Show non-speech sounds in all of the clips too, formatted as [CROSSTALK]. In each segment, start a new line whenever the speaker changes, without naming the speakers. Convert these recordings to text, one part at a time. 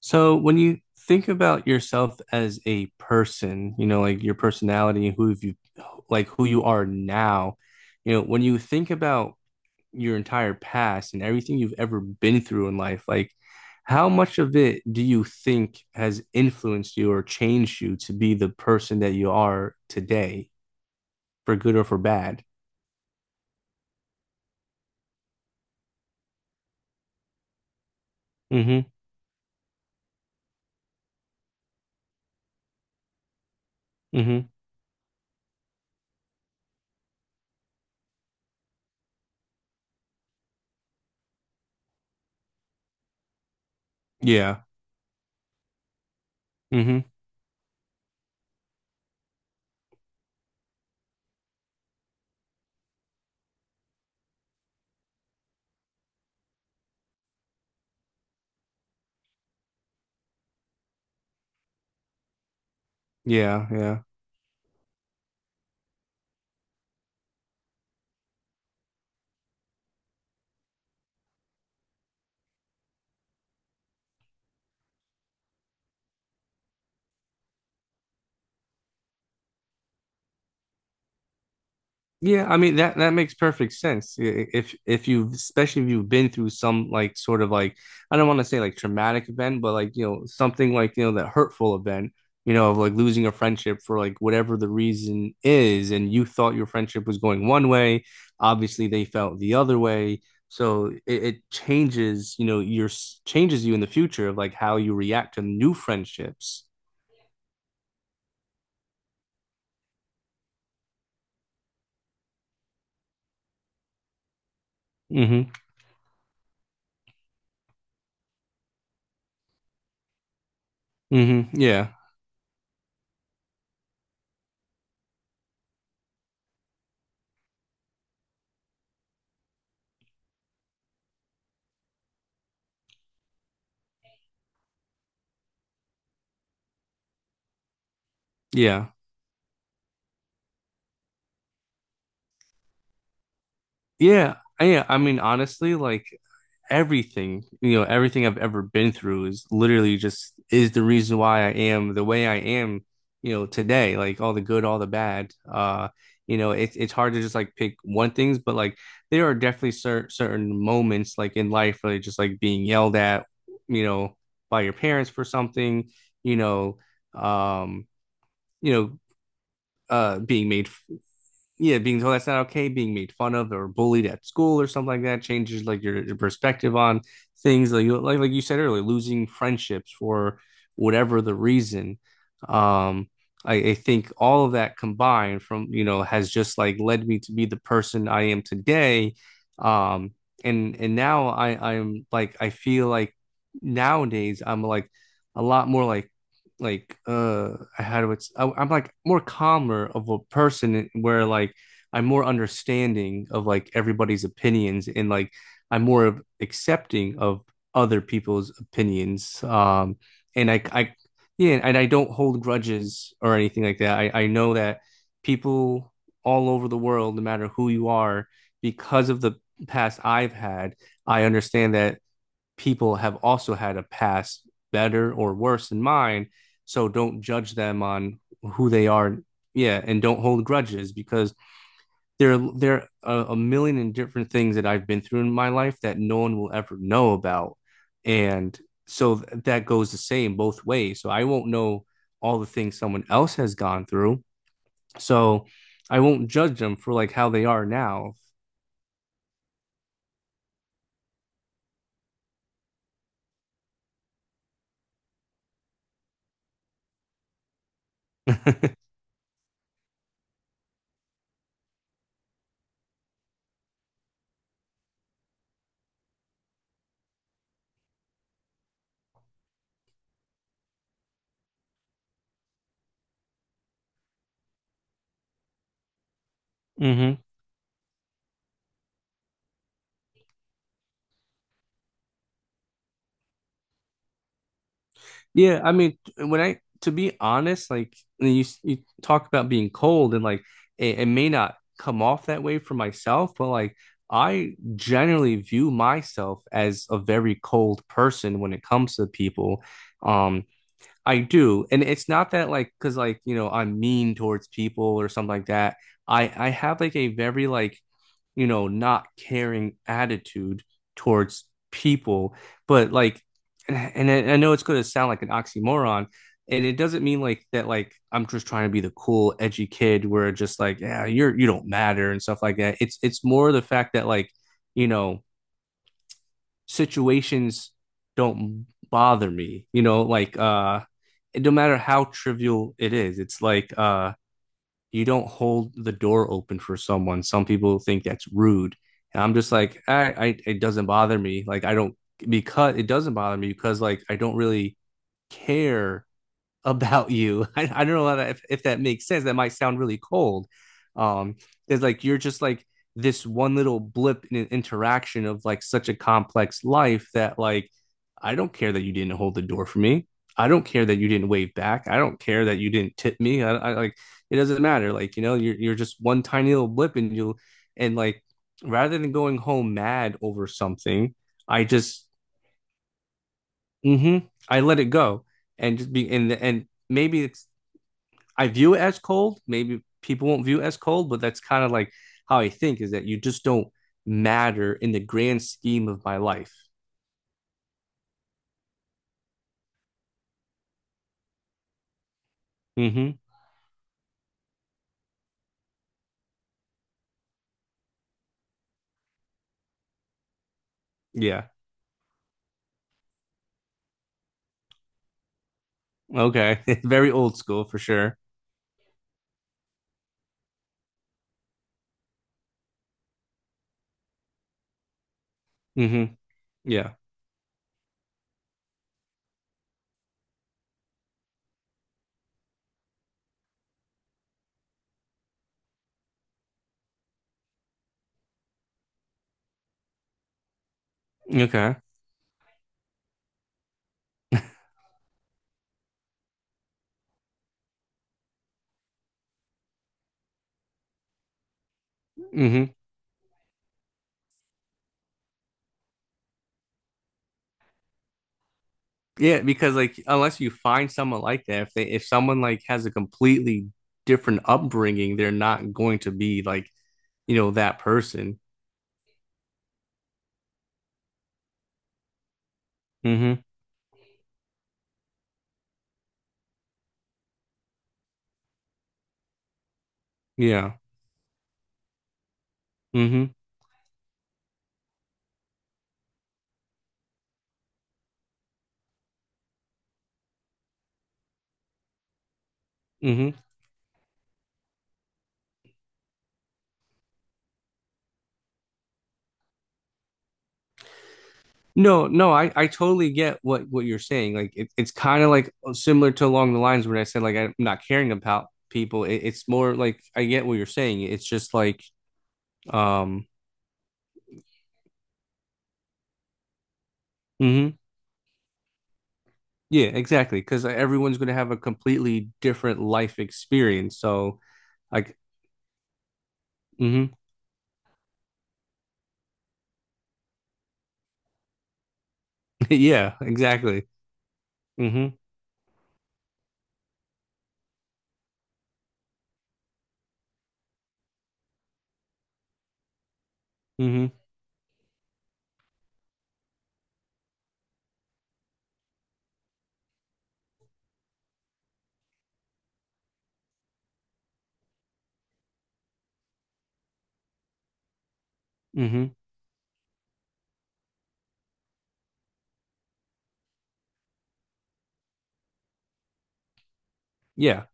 So when you think about yourself as a person, you know, like your personality, who you like who you are now, you know, when you think about your entire past and everything you've ever been through in life, like how much of it do you think has influenced you or changed you to be the person that you are today, for good or for bad? Mm-hmm. Mm-hmm. Yeah. Mm-hmm. Yeah. Yeah. Yeah, I mean that makes perfect sense. If you, especially if you've been through some like sort of like, I don't want to say like traumatic event, but like you know something like, you know, that hurtful event, you know, of like losing a friendship for like whatever the reason is, and you thought your friendship was going one way, obviously they felt the other way. So it changes, you know, changes you in the future of like how you react to new friendships. Mm-hmm. Mm-hmm. Yeah. Yeah. Yeah, yeah. I mean, honestly, like everything, you know, everything I've ever been through is literally just is the reason why I am the way I am, you know, today, like all the good, all the bad. You know, it's hard to just like pick one things, but like there are definitely certain moments like in life, like just like being yelled at, you know, by your parents for something, you know, um, you know, being made, yeah, being told that's not okay, being made fun of or bullied at school or something like that changes like your perspective on things like you like you said earlier, losing friendships for whatever the reason. Um, I think all of that combined from, you know, has just like led me to be the person I am today. Um, and now I feel like nowadays I'm like a lot more like I had what's I, I'm like more calmer of a person where like I'm more understanding of like everybody's opinions, and like I'm more of accepting of other people's opinions. And I Yeah, and I don't hold grudges or anything like that. I know that people all over the world, no matter who you are, because of the past I've had, I understand that people have also had a past better or worse than mine. So don't judge them on who they are. Yeah, and don't hold grudges because there are a million and different things that I've been through in my life that no one will ever know about, and so that goes the same both ways. So I won't know all the things someone else has gone through. So I won't judge them for like how they are now. [LAUGHS] Mm-hmm. Yeah, I mean, when I to be honest, like you talk about being cold, and like it may not come off that way for myself, but like I generally view myself as a very cold person when it comes to people. Um, I do, and it's not that like, because like, you know, I'm mean towards people or something like that. I have like a very like, you know, not caring attitude towards people. But like, [SIGHS] and I know it's going to sound like an oxymoron, and it doesn't mean like that. Like I'm just trying to be the cool, edgy kid where just like, yeah, you don't matter and stuff like that. It's more the fact that like, you know, situations don't bother me. You know, like, no matter how trivial it is, it's like, you don't hold the door open for someone. Some people think that's rude. And I'm just like, I, it doesn't bother me. Like I don't, because it doesn't bother me, because like I don't really care about you. [LAUGHS] I don't know if that makes sense. That might sound really cold. Um, it's like you're just like this one little blip in an interaction of like such a complex life that like I don't care that you didn't hold the door for me. I don't care that you didn't wave back. I don't care that you didn't tip me. I like it doesn't matter. Like, you know, you're just one tiny little blip, and you will and like rather than going home mad over something, I just, mm-hmm, I let it go and just be, and maybe it's, I view it as cold. Maybe people won't view it as cold, but that's kind of like how I think, is that you just don't matter in the grand scheme of my life. Hmm. Yeah. Okay. [LAUGHS] Very old school for sure. Hmm. Yeah. Okay. Hmm. Yeah, because like, unless you find someone like that, if they, if someone like has a completely different upbringing, they're not going to be like, you know, that person. Hmm. Yeah. Hmm. Hmm. No, no, I totally get what you're saying. Like it's kind of like, similar to along the lines when I said like I'm not caring about people. It's more like I get what you're saying. It's just like, um mhm. Yeah, exactly. Because everyone's going to have a completely different life experience. So like, mhm. [LAUGHS] Yeah, exactly. Mhm. Mhm. Mhm. Yeah.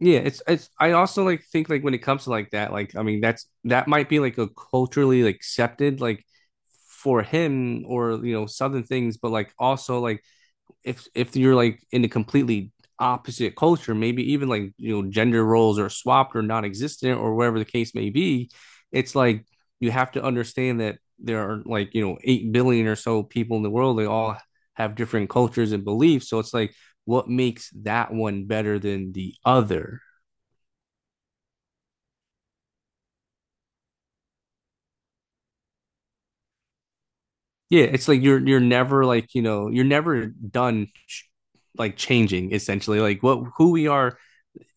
Yeah, it's I also like think like when it comes to like that, like I mean that might be like a culturally like accepted like for him, or you know, southern things, but like also like if you're like in a completely opposite culture, maybe even like, you know, gender roles are swapped or non-existent or whatever the case may be, it's like you have to understand that there are, like, you know, 8 billion or so people in the world, they all have different cultures and beliefs, so it's like what makes that one better than the other? Yeah, it's like you're never like, you know, you're never done like changing essentially. Like what, who we are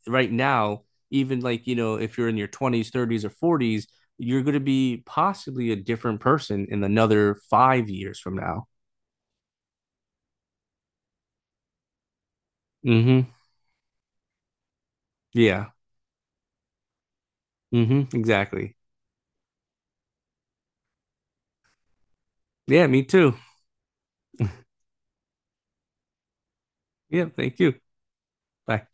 right now, even like, you know, if you're in your 20s, 30s or 40s, you're going to be possibly a different person in another 5 years from now. Mhm. Yeah. Mhm. Exactly. Yeah, me too. [LAUGHS] Yeah, thank you. Bye.